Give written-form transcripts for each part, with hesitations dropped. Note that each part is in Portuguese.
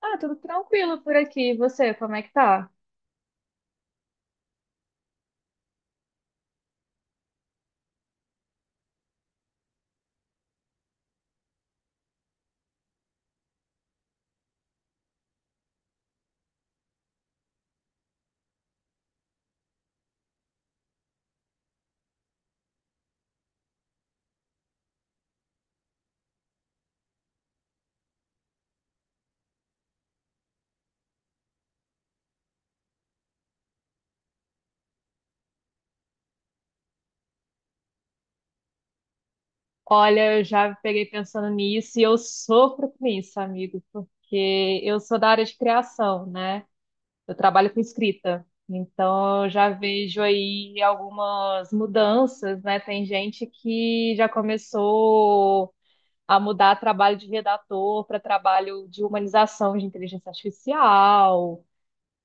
Ah, tudo tranquilo por aqui. E você, como é que tá? Olha, eu já peguei pensando nisso e eu sofro com isso, amigo, porque eu sou da área de criação, né? Eu trabalho com escrita. Então, eu já vejo aí algumas mudanças, né? Tem gente que já começou a mudar trabalho de redator para trabalho de humanização de inteligência artificial.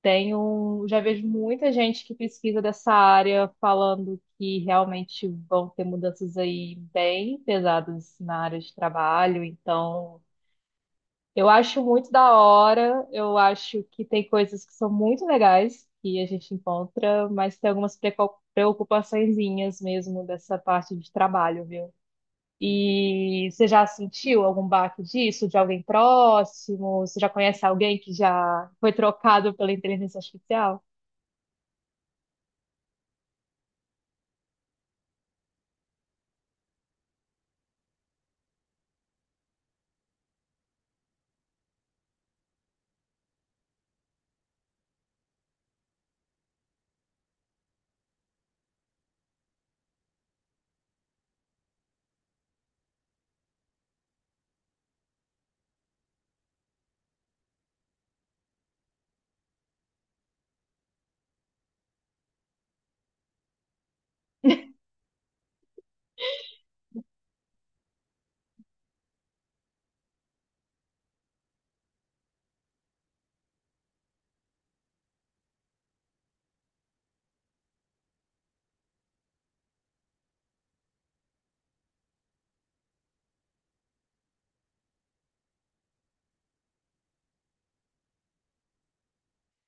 Tenho, já vejo muita gente que pesquisa dessa área falando que realmente vão ter mudanças aí bem pesadas na área de trabalho. Então, eu acho muito da hora. Eu acho que tem coisas que são muito legais que a gente encontra, mas tem algumas preocupaçõezinhas mesmo dessa parte de trabalho, viu? E você já sentiu algum baque disso, de alguém próximo? Você já conhece alguém que já foi trocado pela inteligência artificial?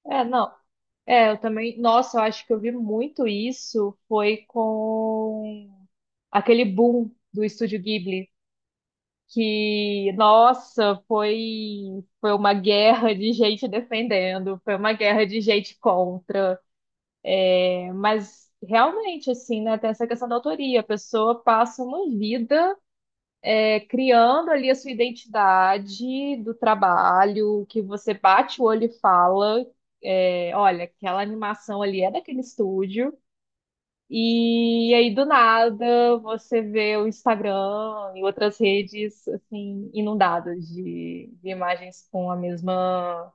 É, não. É, eu também. Nossa, eu acho que eu vi muito isso. Foi com aquele boom do Estúdio Ghibli. Que, nossa, foi uma guerra de gente defendendo, foi uma guerra de gente contra. É, mas realmente, assim, né? Tem essa questão da autoria. A pessoa passa uma vida. É, criando ali a sua identidade do trabalho, que você bate o olho e fala, é, olha, aquela animação ali é daquele estúdio. E aí, do nada, você vê o Instagram e outras redes assim inundadas de imagens com a mesma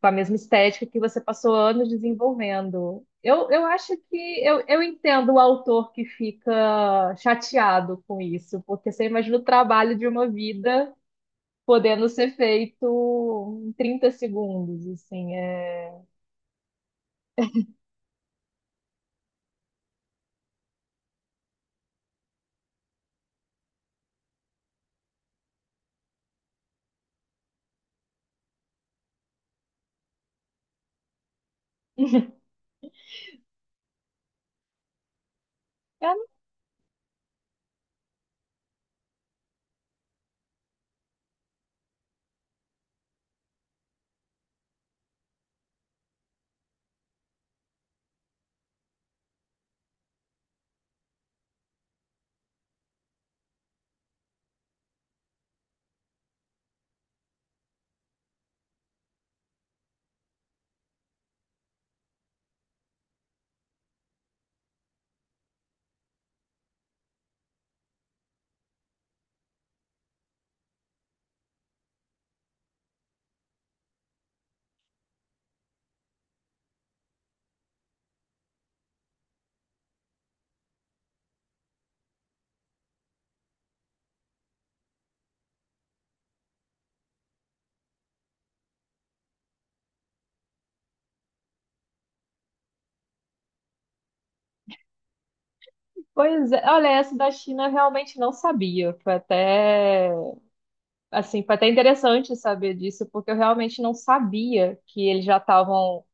estética que você passou anos desenvolvendo. Eu acho que eu entendo o autor que fica chateado com isso, porque você imagina o trabalho de uma vida podendo ser feito em 30 segundos, assim. É, pois é, olha, essa da China eu realmente não sabia. Foi até, assim, foi até interessante saber disso, porque eu realmente não sabia que eles já estavam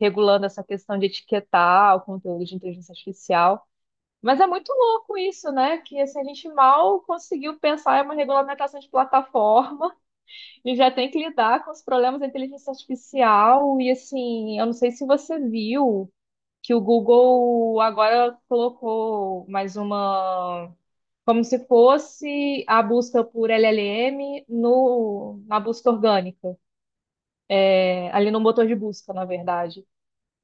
regulando essa questão de etiquetar o conteúdo de inteligência artificial. Mas é muito louco isso, né? Que assim, a gente mal conseguiu pensar em uma regulamentação de plataforma e já tem que lidar com os problemas da inteligência artificial. E assim, eu não sei se você viu que o Google agora colocou mais uma, como se fosse a busca por LLM no, na busca orgânica, é, ali no motor de busca, na verdade.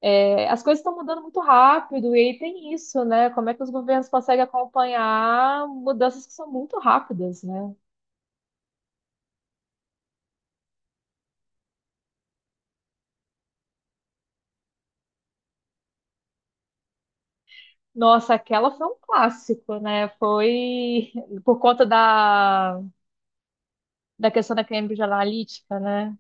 É, as coisas estão mudando muito rápido, e aí tem isso, né? Como é que os governos conseguem acompanhar mudanças que são muito rápidas, né? Nossa, aquela foi um clássico, né? Foi por conta da questão da Cambridge Analytica, né?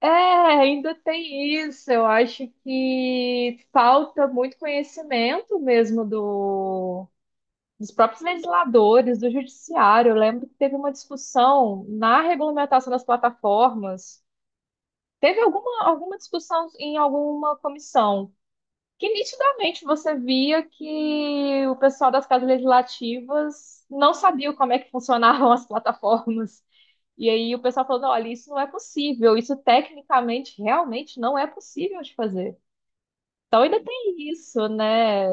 É, ainda tem isso. Eu acho que falta muito conhecimento mesmo dos próprios legisladores, do judiciário. Eu lembro que teve uma discussão na regulamentação das plataformas. Teve alguma, alguma discussão em alguma comissão que nitidamente você via que o pessoal das casas legislativas não sabia como é que funcionavam as plataformas. E aí o pessoal falando, olha, isso não é possível, isso tecnicamente realmente não é possível de fazer. Então ainda tem isso, né?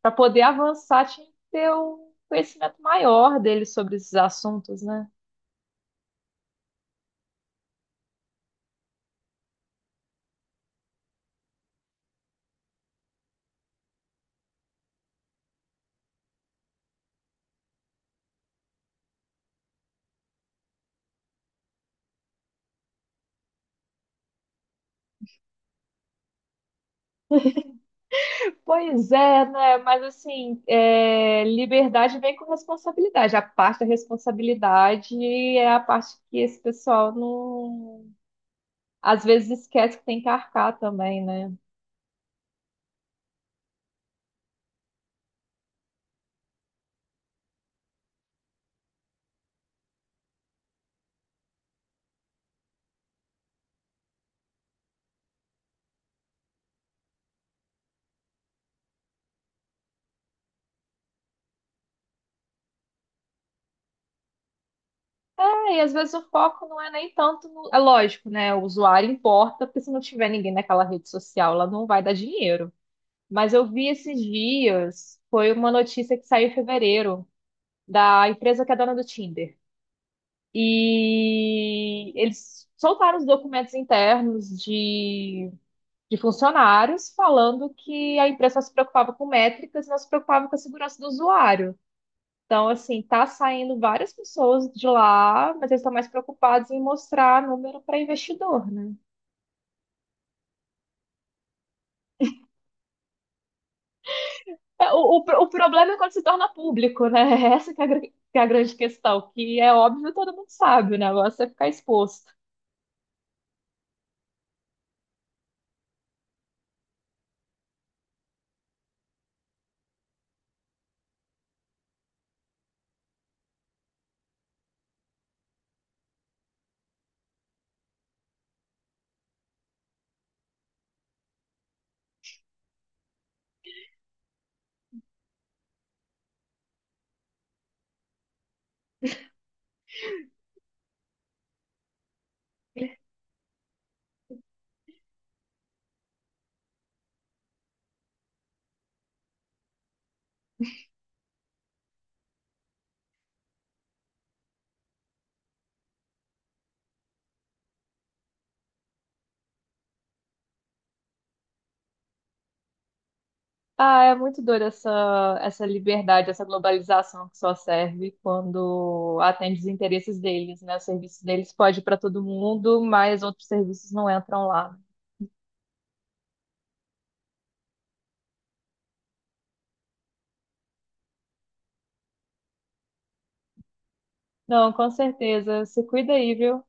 Para poder avançar, tinha que ter um conhecimento maior deles sobre esses assuntos, né? Pois é, né? Mas assim, é, liberdade vem com responsabilidade. A parte da responsabilidade é a parte que esse pessoal não, às vezes, esquece que tem que arcar também, né? É, e às vezes o foco não é nem tanto no... É lógico, né? O usuário importa, porque se não tiver ninguém naquela rede social, ela não vai dar dinheiro. Mas eu vi esses dias, foi uma notícia que saiu em fevereiro, da empresa que é dona do Tinder. E eles soltaram os documentos internos de funcionários falando que a empresa só se preocupava com métricas e não se preocupava com a segurança do usuário. Então, assim, tá saindo várias pessoas de lá, mas eles estão mais preocupados em mostrar número para investidor, né? É. O problema é quando se torna público, né? Essa que é que é a grande questão, que é óbvio, todo mundo sabe, né? O negócio é ficar exposto. Ah, é muito doida essa liberdade, essa globalização que só serve quando atende os interesses deles, né? O serviço deles pode ir para todo mundo, mas outros serviços não entram lá. Não, com certeza. Se cuida aí, viu?